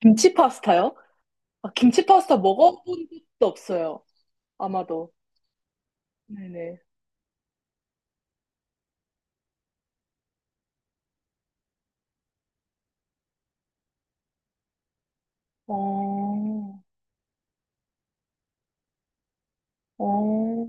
김치 파스타요? 아, 김치 파스타 먹어본 적도 없어요. 아마도. 네네. 어, 어,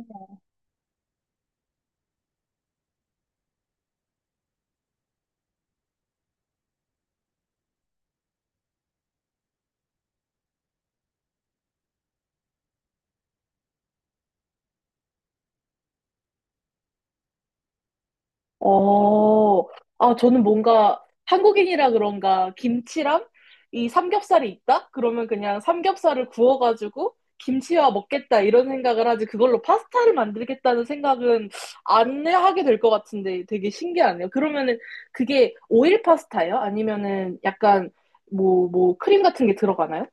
어. 아, 저는 뭔가 한국인이라 그런가 김치랑 이 삼겹살이 있다? 그러면 그냥 삼겹살을 구워가지고 김치와 먹겠다 이런 생각을 하지 그걸로 파스타를 만들겠다는 생각은 안 하게 될 것 같은데 되게 신기하네요. 그러면은 그게 오일 파스타예요? 아니면은 약간 뭐 크림 같은 게 들어가나요?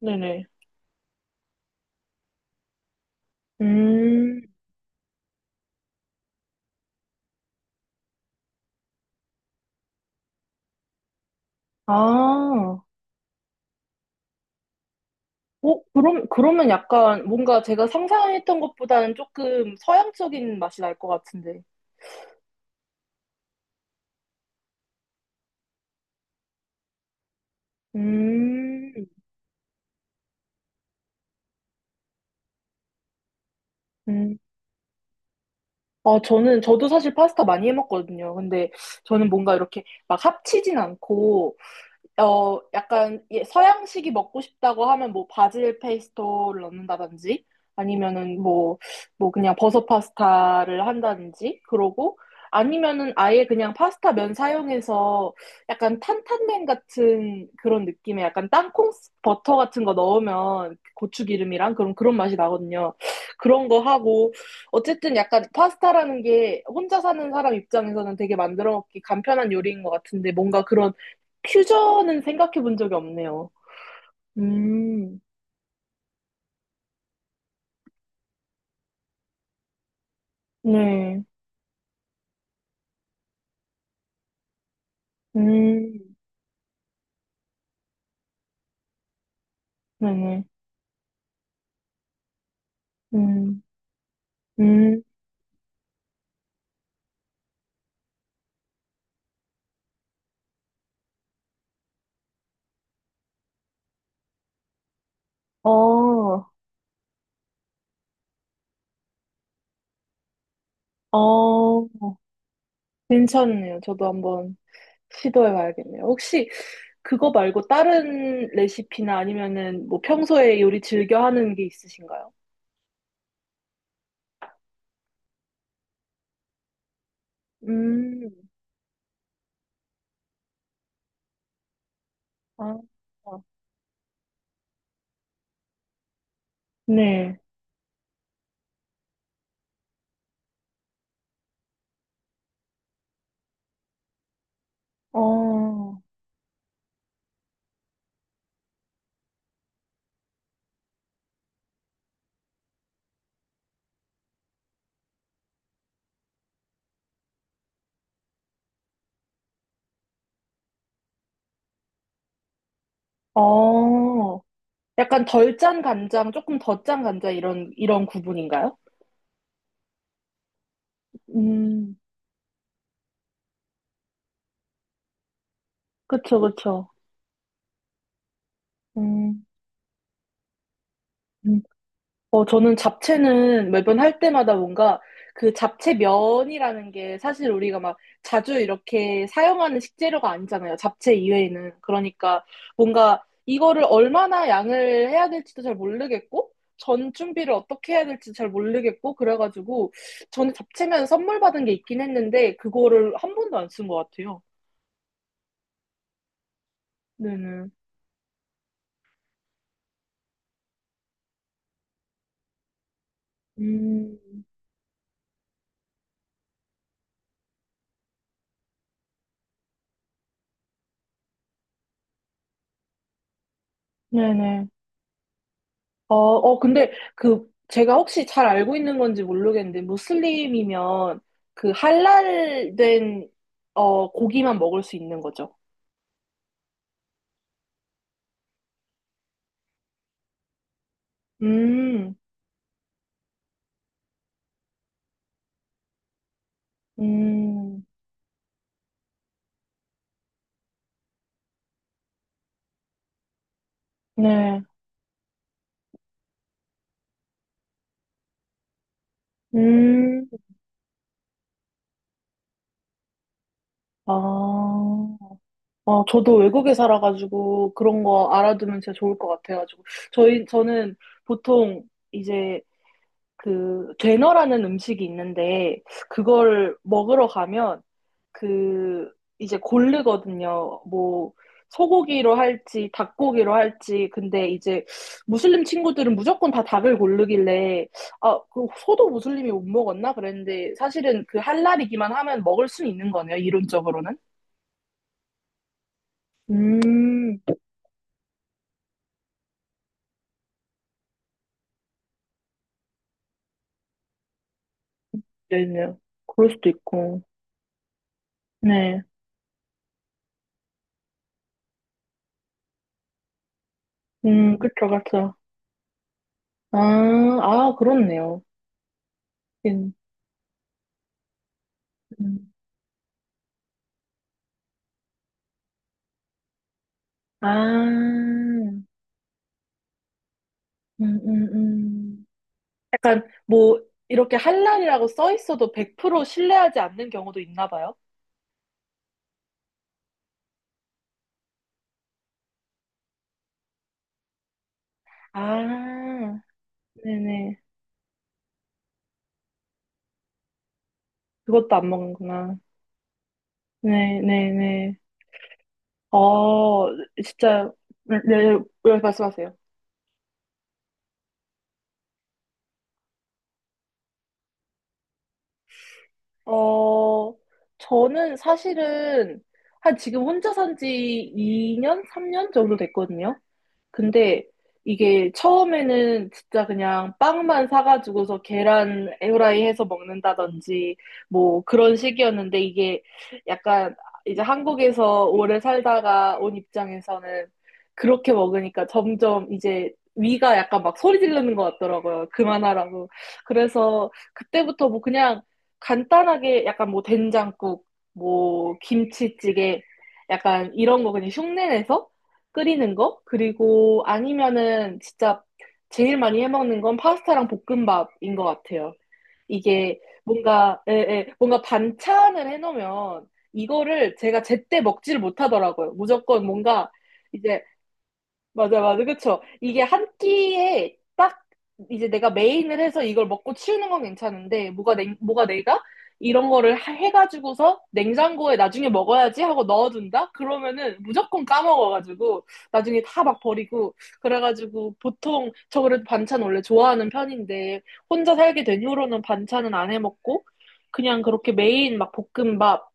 네네. 음, 아, 어, 그럼, 그러면 약간 뭔가 제가 상상했던 것보다는 조금 서양적인 맛이 날 것 같은데. 음, 음. 아, 저도 사실 파스타 많이 해 먹거든요. 근데 저는 뭔가 이렇게 막 합치진 않고, 약간 예, 서양식이 먹고 싶다고 하면 뭐 바질 페이스토를 넣는다든지 아니면은 뭐 그냥 버섯 파스타를 한다든지 그러고 아니면은 아예 그냥 파스타 면 사용해서 약간 탄탄면 같은 그런 느낌의 약간 땅콩 버터 같은 거 넣으면 고추기름이랑 그런 맛이 나거든요. 그런 거 하고 어쨌든 약간 파스타라는 게 혼자 사는 사람 입장에서는 되게 만들어 먹기 간편한 요리인 것 같은데 뭔가 그런 퓨전은 생각해 본 적이 없네요. 음, 네. 음, 네네. 음, 음. 어, 어, 괜찮네요. 저도 한번 시도해 봐야겠네요. 혹시 그거 말고 다른 레시피나 아니면은 뭐 평소에 요리 즐겨 하는 게 있으신가요? 음, 아, 아, 네. 어, 어. 약간 덜 짠 간장, 조금 더 짠 간장 이런 구분인가요? 음, 그쵸, 그쵸. 음, 음. 저는 잡채는 매번 할 때마다 뭔가 그 잡채 면이라는 게 사실 우리가 막 자주 이렇게 사용하는 식재료가 아니잖아요. 잡채 이외에는. 그러니까 뭔가 이거를 얼마나 양을 해야 될지도 잘 모르겠고, 전 준비를 어떻게 해야 될지 잘 모르겠고, 그래가지고 저는 잡채면 선물 받은 게 있긴 했는데, 그거를 한 번도 안 쓴 것 같아요. 네네. 음, 네네. 어, 어, 근데 그 제가 혹시 잘 알고 있는 건지 모르겠는데 무슬림이면 그 할랄된 어, 고기만 먹을 수 있는 거죠. 음, 음, 네, 음, 아, 저도 외국에 살아가지고 그런 거 알아두면 진짜 좋을 것 같아가지고 저희 저는 보통 이제 그 되너라는 음식이 있는데 그걸 먹으러 가면 그 이제 고르거든요. 뭐 소고기로 할지 닭고기로 할지 근데 이제 무슬림 친구들은 무조건 다 닭을 고르길래 아, 그 소도 무슬림이 못 먹었나 그랬는데 사실은 그 할랄이기만 하면 먹을 수 있는 거네요. 이론적으로는. 음, 네네요. 그럴 수도 있고. 네. 그쵸, 그쵸. 아, 아, 그렇네요. 음, 음. 아, 음, 음, 음. 약간 뭐 이렇게 한란이라고 써 있어도 100% 신뢰하지 않는 경우도 있나 봐요. 아, 네네. 그것도 안 먹는구나. 네네네. 어, 진짜, 네, 네, 네, 말씀하세요. 어, 저는 사실은 한 지금 혼자 산지 2년, 3년 정도 됐거든요. 근데 이게 처음에는 진짜 그냥 빵만 사가지고서 계란 후라이 해서 먹는다든지 뭐 그런 식이었는데 이게 약간 이제 한국에서 오래 살다가 온 입장에서는 그렇게 먹으니까 점점 이제 위가 약간 막 소리 지르는 것 같더라고요. 그만하라고. 그래서 그때부터 뭐 그냥 간단하게 약간 뭐 된장국, 뭐 김치찌개 약간 이런 거 그냥 흉내내서 끓이는 거? 그리고 아니면은 진짜 제일 많이 해먹는 건 파스타랑 볶음밥인 것 같아요. 이게 뭔가, 예, 예, 뭔가 반찬을 해놓으면 이거를 제가 제때 먹지를 못하더라고요. 무조건 뭔가 이제 맞아, 맞아. 그쵸? 이게 한 끼에 딱 이제 내가 메인을 해서 이걸 먹고 치우는 건 괜찮은데, 뭐가, 냉, 뭐가 내가 이런 거를 해가지고서 냉장고에 나중에 먹어야지 하고 넣어둔다? 그러면은 무조건 까먹어가지고, 나중에 다 막 버리고, 그래가지고 보통 저 그래도 반찬 원래 좋아하는 편인데, 혼자 살게 된 후로는 반찬은 안 해먹고, 그냥 그렇게 메인 막 볶음밥,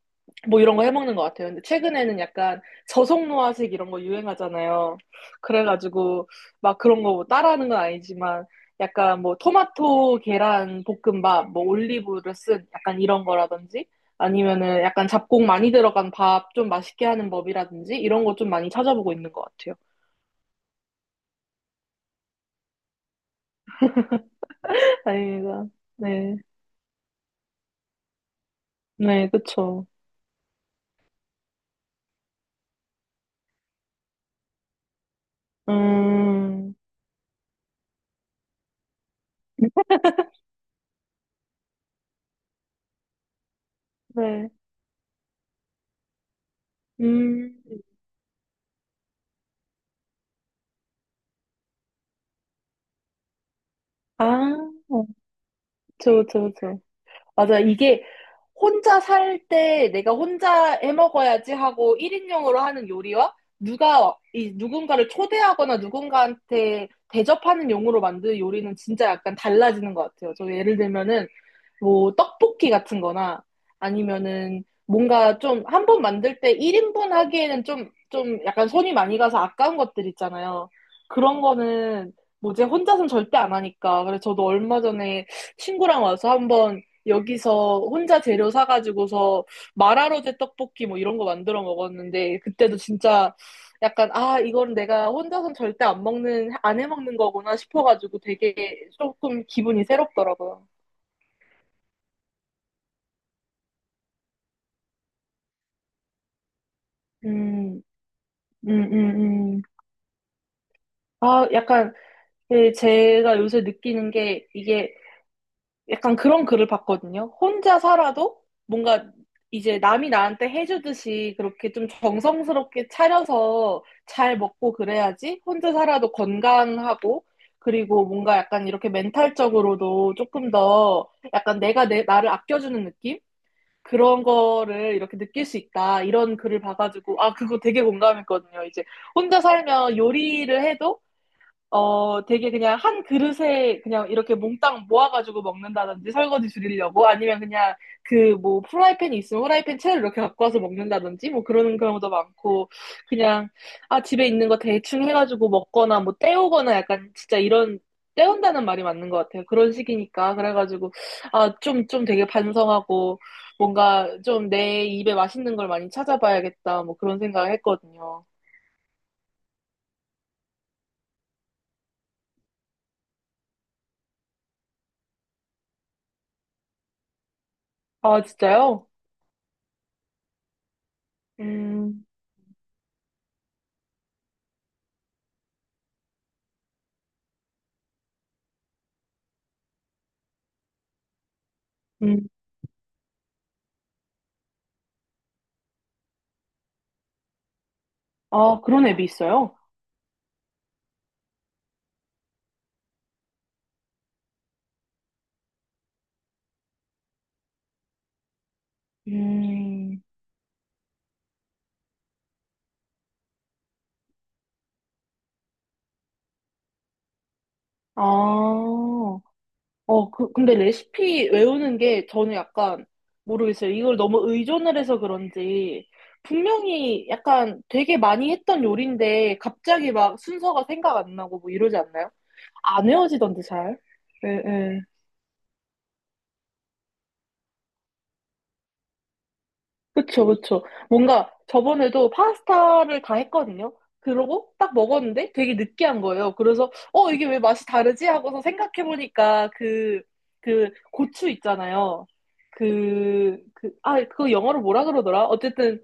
뭐 이런 거 해먹는 것 같아요. 근데 최근에는 약간 저속노화식 이런 거 유행하잖아요. 그래가지고 막 그런 거뭐 따라하는 건 아니지만 약간 뭐 토마토 계란 볶음밥 뭐 올리브를 쓴 약간 이런 거라든지 아니면은 약간 잡곡 많이 들어간 밥 좀 맛있게 하는 법이라든지 이런 거 좀 많이 찾아보고 있는 것 같아요. 아닙니다. 네. 네, 그쵸. 음, 네. 음, 아, 그쵸, 그쵸, 그쵸. 맞아. 이게 혼자 살 때 내가 혼자 해 먹어야지 하고 1인용으로 하는 요리와 누가 이 누군가를 초대하거나 누군가한테 대접하는 용으로 만든 요리는 진짜 약간 달라지는 것 같아요. 저 예를 들면은 뭐 떡볶이 같은 거나 아니면은 뭔가 좀 한 번 만들 때 1인분 하기에는 좀 약간 손이 많이 가서 아까운 것들 있잖아요. 그런 거는 뭐지 혼자서는 절대 안 하니까. 그래서 저도 얼마 전에 친구랑 와서 한번 여기서 혼자 재료 사가지고서 마라로제 떡볶이 뭐 이런 거 만들어 먹었는데 그때도 진짜 약간 아 이건 내가 혼자선 절대 안 해 먹는 거구나 싶어가지고 되게 조금 기분이 새롭더라고요. 음, 음, 음, 음. 아 약간 예, 제가 요새 느끼는 게 이게 약간 그런 글을 봤거든요. 혼자 살아도 뭔가 이제 남이 나한테 해주듯이 그렇게 좀 정성스럽게 차려서 잘 먹고 그래야지 혼자 살아도 건강하고 그리고 뭔가 약간 이렇게 멘탈적으로도 조금 더 약간 나를 아껴주는 느낌? 그런 거를 이렇게 느낄 수 있다. 이런 글을 봐가지고, 아, 그거 되게 공감했거든요. 이제 혼자 살면 요리를 해도 어, 되게 그냥 한 그릇에 그냥 이렇게 몽땅 모아가지고 먹는다든지 설거지 줄이려고 아니면 그냥 그 뭐 프라이팬이 있으면 프라이팬 채를 이렇게 갖고 와서 먹는다든지 뭐 그러는 경우도 많고 그냥 아, 집에 있는 거 대충 해가지고 먹거나 뭐 때우거나 약간 진짜 이런 때운다는 말이 맞는 것 같아요. 그런 식이니까. 그래가지고 아, 좀 되게 반성하고 뭔가 좀 내 입에 맛있는 걸 많이 찾아봐야겠다 뭐 그런 생각을 했거든요. 아, 진짜요? 음, 음. 아, 그런 앱이 있어요? 음, 아, 어, 그, 근데 레시피 외우는 게 저는 약간 모르겠어요. 이걸 너무 의존을 해서 그런지 분명히 약간 되게 많이 했던 요리인데 갑자기 막 순서가 생각 안 나고 뭐 이러지 않나요? 안 외워지던데 잘. 예, 예. 그쵸, 그쵸. 뭔가 저번에도 파스타를 다 했거든요. 그러고 딱 먹었는데 되게 느끼한 거예요. 그래서, 어, 이게 왜 맛이 다르지? 하고서 생각해보니까 그, 그 고추 있잖아요. 아, 그거 영어로 뭐라 그러더라? 어쨌든,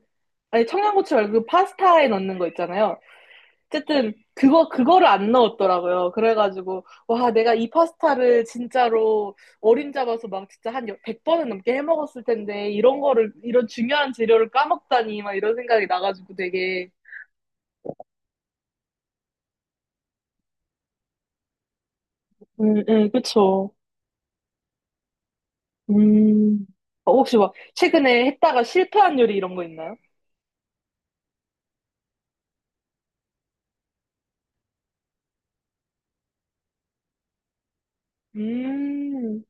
아니, 청양고추 말고 그 파스타에 넣는 거 있잖아요. 어쨌든 그거를 안 넣었더라고요. 그래가지고 와 내가 이 파스타를 진짜로 어림 잡아서 막 진짜 한 100번은 넘게 해 먹었을 텐데 이런 거를 이런 중요한 재료를 까먹다니 막 이런 생각이 나가지고 되게 그쵸. 음 어, 혹시 막 최근에 했다가 실패한 요리 이런 거 있나요? 음,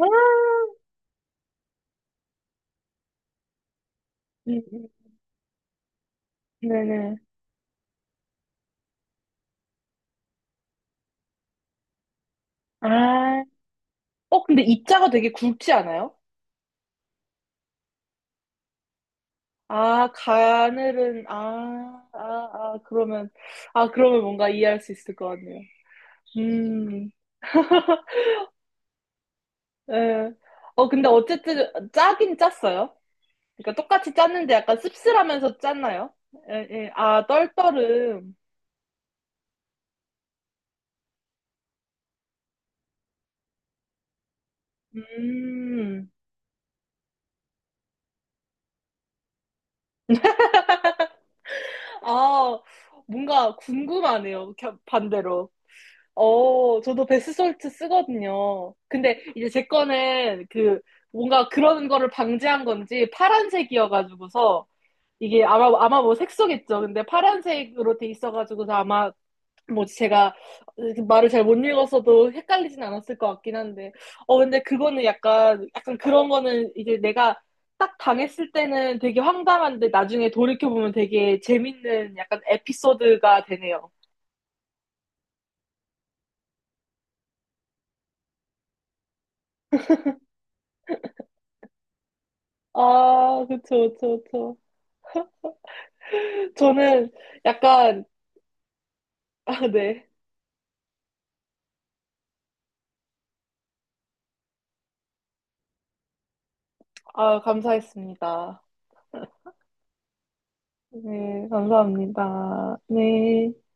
아, 음, 음. 네네. 아, 어 근데 입자가 되게 굵지 않아요? 아, 가늘은, 아, 아, 아, 그러면, 아, 그러면 뭔가 이해할 수 있을 것 같네요. 음, 예. 어, 근데 어쨌든 짜긴 짰어요. 그러니까 똑같이 짰는데 약간 씁쓸하면서 짰나요? 예, 예. 아, 떨떠름. 음, 아, 뭔가 궁금하네요. 반대로. 어, 저도 베스솔트 쓰거든요. 근데 이제 제 거는 그, 뭔가 그런 거를 방지한 건지 파란색이어가지고서 이게 아마 뭐 색소겠죠. 근데 파란색으로 돼 있어가지고서 아마 뭐 제가 말을 잘 못 읽었어도 헷갈리진 않았을 것 같긴 한데 어 근데 그거는 약간 그런 거는 이제 내가 딱 당했을 때는 되게 황당한데 나중에 돌이켜 보면 되게 재밌는 약간 에피소드가 되네요. 아 그쵸 그쵸 그쵸. 저는 약간 아 네. 아 감사했습니다. 네 감사합니다. 네.